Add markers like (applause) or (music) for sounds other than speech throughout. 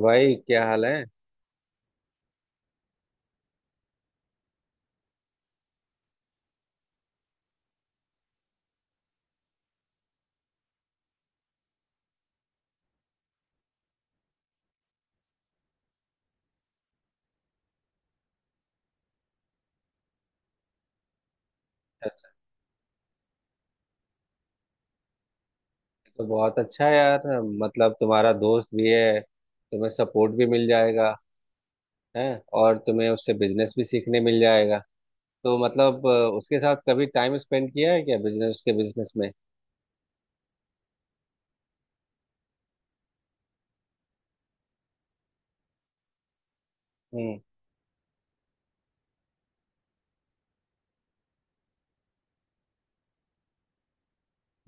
भाई क्या हाल है? अच्छा। ये तो बहुत अच्छा है यार। मतलब, तुम्हारा दोस्त भी है, तुम्हें सपोर्ट भी मिल जाएगा है। और तुम्हें उससे बिजनेस भी सीखने मिल जाएगा। तो मतलब उसके साथ कभी टाइम स्पेंड किया है क्या बिजनेस, उसके बिजनेस में? हम्म।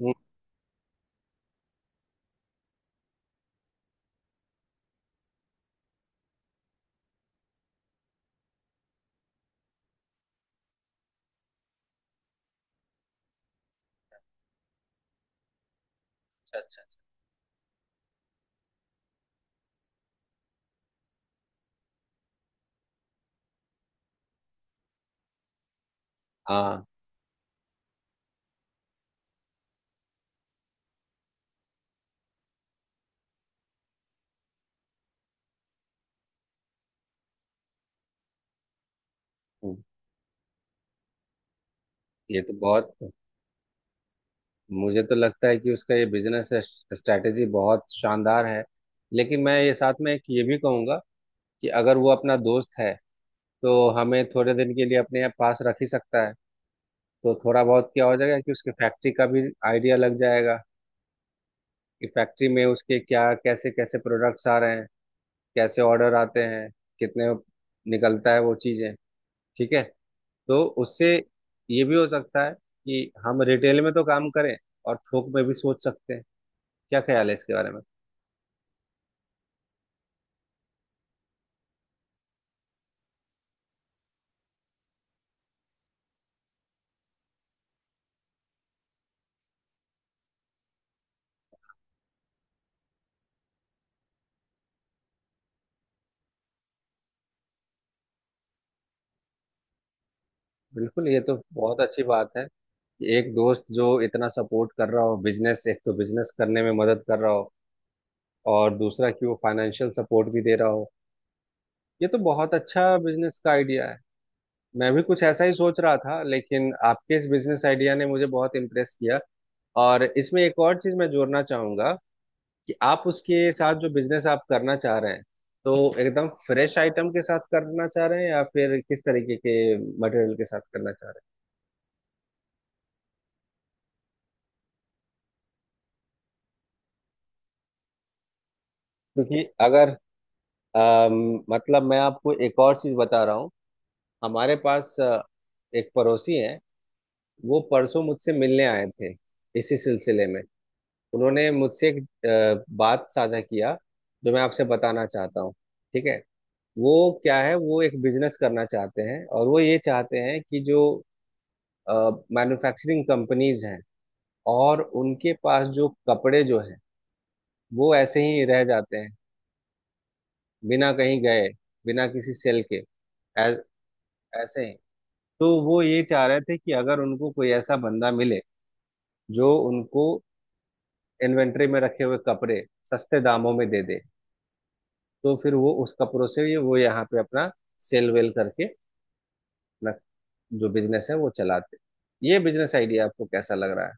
हम्म। अच्छा अच्छा। हाँ। हम्म। ये तो बहुत, मुझे तो लगता है कि उसका ये बिजनेस स्ट्रैटेजी बहुत शानदार है। लेकिन मैं ये साथ में एक ये भी कहूंगा कि अगर वो अपना दोस्त है तो हमें थोड़े दिन के लिए अपने पास रख ही सकता है। तो थोड़ा बहुत क्या हो जाएगा कि उसके फैक्ट्री का भी आइडिया लग जाएगा, कि फैक्ट्री में उसके क्या, कैसे कैसे प्रोडक्ट्स आ रहे हैं, कैसे ऑर्डर आते हैं, कितने निकलता है वो चीजें। ठीक है। तो उससे ये भी हो सकता है कि हम रिटेल में तो काम करें और थोक में भी सोच सकते हैं। क्या ख्याल है इसके बारे में? बिल्कुल। ये तो बहुत अच्छी बात है कि एक दोस्त जो इतना सपोर्ट कर रहा हो, बिजनेस, एक तो बिजनेस करने में मदद कर रहा हो और दूसरा कि वो फाइनेंशियल सपोर्ट भी दे रहा हो। ये तो बहुत अच्छा बिजनेस का आइडिया है। मैं भी कुछ ऐसा ही सोच रहा था, लेकिन आपके इस बिजनेस आइडिया ने मुझे बहुत इम्प्रेस किया। और इसमें एक और चीज मैं जोड़ना चाहूंगा कि आप उसके साथ जो बिजनेस आप करना चाह रहे हैं, तो एकदम फ्रेश आइटम के साथ करना चाह रहे हैं या फिर किस तरीके के मटेरियल के साथ करना चाह रहे हैं? क्योंकि अगर मतलब, मैं आपको एक और चीज बता रहा हूँ। हमारे पास एक पड़ोसी हैं। वो परसों मुझसे मिलने आए थे इसी सिलसिले में। उन्होंने मुझसे एक बात साझा किया जो मैं आपसे बताना चाहता हूँ। ठीक है। वो क्या है, वो एक बिजनेस करना चाहते हैं और वो ये चाहते हैं कि जो मैन्युफैक्चरिंग कंपनीज हैं और उनके पास जो कपड़े जो हैं, वो ऐसे ही रह जाते हैं, बिना कहीं गए, बिना किसी सेल के। ऐ- ऐसे ही। तो वो ये चाह रहे थे कि अगर उनको कोई ऐसा बंदा मिले जो उनको इन्वेंट्री में रखे हुए कपड़े सस्ते दामों में दे दे, तो फिर वो उसका प्रोसेस ये वो यहाँ पे अपना सेल वेल करके अपना जो बिजनेस है वो चलाते। ये बिजनेस आइडिया आपको कैसा लग रहा है?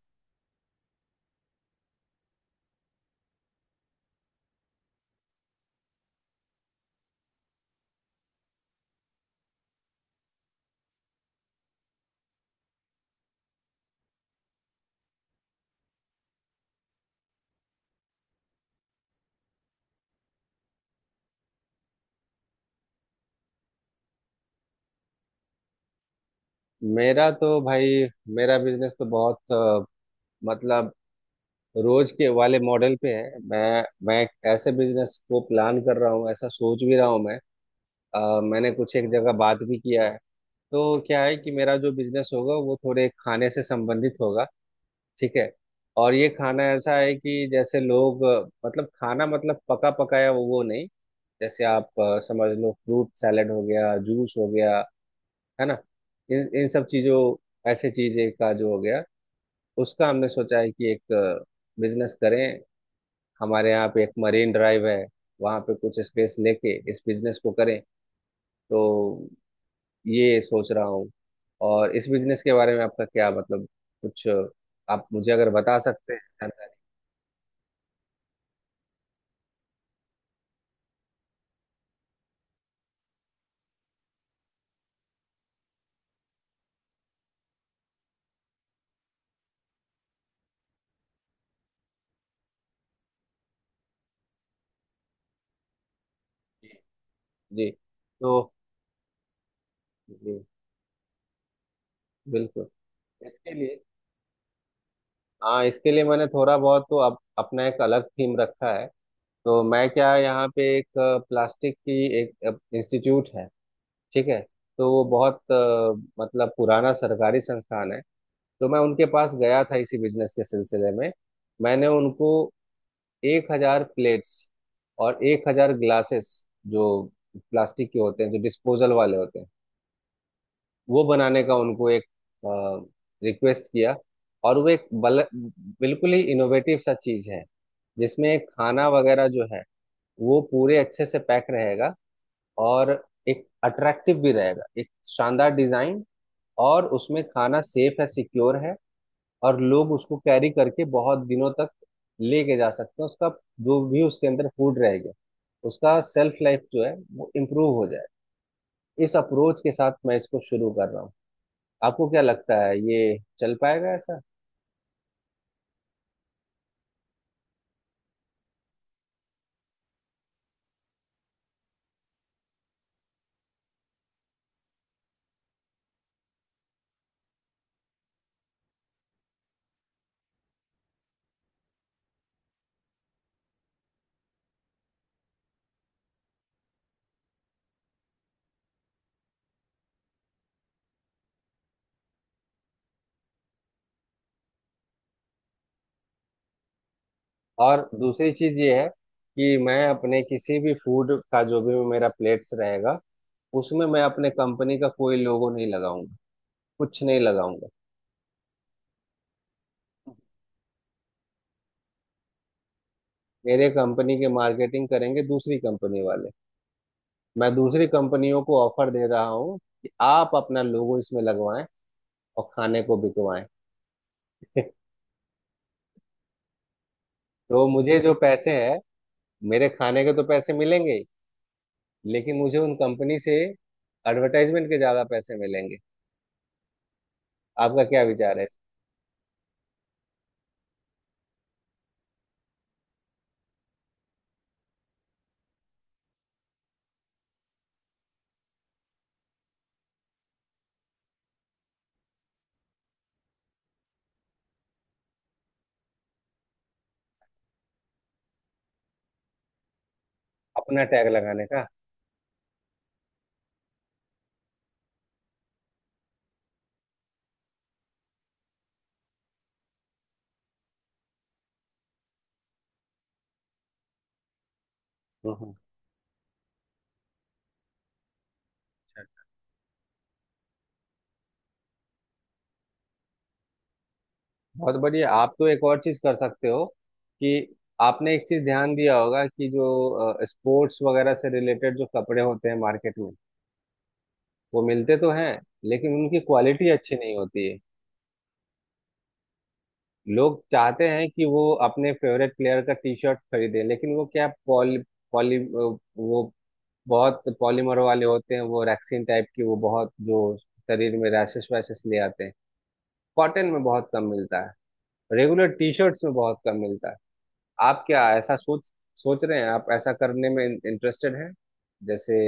मेरा तो भाई, मेरा बिजनेस तो बहुत मतलब रोज के वाले मॉडल पे है। मैं एक ऐसे बिजनेस को प्लान कर रहा हूँ, ऐसा सोच भी रहा हूँ मैं। मैंने कुछ एक जगह बात भी किया है। तो क्या है कि मेरा जो बिजनेस होगा वो थोड़े खाने से संबंधित होगा। ठीक है। और ये खाना ऐसा है कि जैसे लोग मतलब खाना मतलब पका पकाया, वो नहीं। जैसे आप समझ लो, फ्रूट सैलेड हो गया, जूस हो गया, है ना, इन इन सब चीजों, ऐसे चीजें का जो हो गया, उसका हमने सोचा है कि एक बिजनेस करें। हमारे यहाँ पे एक मरीन ड्राइव है, वहाँ पे कुछ स्पेस लेके इस बिजनेस को करें। तो ये सोच रहा हूँ। और इस बिजनेस के बारे में आपका क्या मतलब, कुछ आप मुझे अगर बता सकते हैं जानकारी? जी। जी। तो जी बिल्कुल। इसके लिए, हाँ, इसके लिए मैंने थोड़ा बहुत तो अपना एक अलग थीम रखा है। तो मैं क्या, यहाँ पे एक प्लास्टिक की एक इंस्टीट्यूट है, ठीक है, तो वो बहुत मतलब पुराना सरकारी संस्थान है। तो मैं उनके पास गया था इसी बिजनेस के सिलसिले में। मैंने उनको 1,000 प्लेट्स और 1,000 ग्लासेस, जो प्लास्टिक के होते हैं, जो डिस्पोजल वाले होते हैं, वो बनाने का उनको एक रिक्वेस्ट किया। और वो एक बिल्कुल ही इनोवेटिव सा चीज है जिसमें खाना वगैरह जो है वो पूरे अच्छे से पैक रहेगा। और एक अट्रैक्टिव भी रहेगा, एक शानदार डिजाइन। और उसमें खाना सेफ है, सिक्योर है। और लोग उसको कैरी करके बहुत दिनों तक लेके जा सकते हैं। उसका जो भी उसके अंदर फूड रहेगा उसका सेल्फ लाइफ जो है वो इम्प्रूव हो जाए, इस अप्रोच के साथ मैं इसको शुरू कर रहा हूँ। आपको क्या लगता है, ये चल पाएगा ऐसा? और दूसरी चीज ये है कि मैं अपने किसी भी फूड का जो भी मेरा प्लेट्स रहेगा, उसमें मैं अपने कंपनी का कोई लोगो नहीं लगाऊंगा, कुछ नहीं लगाऊंगा। मेरे कंपनी के मार्केटिंग करेंगे दूसरी कंपनी वाले। मैं दूसरी कंपनियों को ऑफर दे रहा हूँ कि आप अपना लोगो इसमें लगवाएं और खाने को बिकवाएं। (laughs) तो मुझे जो पैसे हैं, मेरे खाने के तो पैसे मिलेंगे ही, लेकिन मुझे उन कंपनी से एडवर्टाइजमेंट के ज्यादा पैसे मिलेंगे। आपका क्या विचार है इस-। अपना टैग लगाने का। बहुत बढ़िया। आप तो एक और चीज कर सकते हो कि आपने एक चीज ध्यान दिया होगा कि जो स्पोर्ट्स वगैरह से रिलेटेड जो कपड़े होते हैं मार्केट में, वो मिलते तो हैं लेकिन उनकी क्वालिटी अच्छी नहीं होती है। लोग चाहते हैं कि वो अपने फेवरेट प्लेयर का टी शर्ट खरीदें, लेकिन वो क्या, पॉली पॉली वो बहुत पॉलीमर वाले होते हैं, वो रैक्सीन टाइप की, वो बहुत जो शरीर में रैशेस वैशेस ले आते हैं। कॉटन में बहुत कम मिलता है, रेगुलर टी शर्ट्स में बहुत कम मिलता है। आप क्या ऐसा सोच सोच रहे हैं, आप ऐसा करने में इंटरेस्टेड हैं, जैसे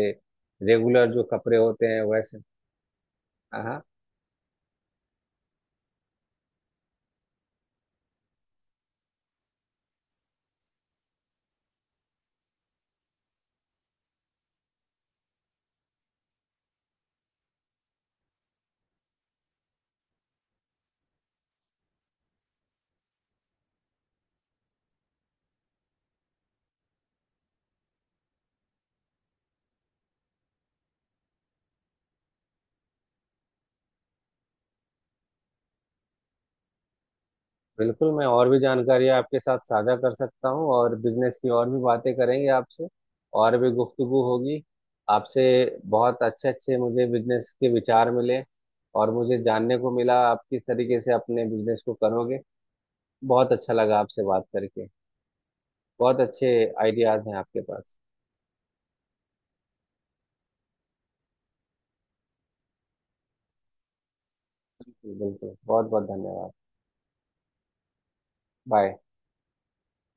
रेगुलर जो कपड़े होते हैं वैसे? हाँ हाँ। बिल्कुल। मैं और भी जानकारी आपके साथ साझा कर सकता हूँ और बिजनेस की और भी बातें करेंगे आपसे, और भी गुफ्तगू होगी आपसे। बहुत अच्छे अच्छे मुझे बिजनेस के विचार मिले, और मुझे जानने को मिला आप किस तरीके से अपने बिजनेस को करोगे। बहुत अच्छा लगा आपसे बात करके। बहुत अच्छे आइडियाज हैं आपके पास। बिल्कुल बिल्कुल। बहुत बहुत धन्यवाद। बाय।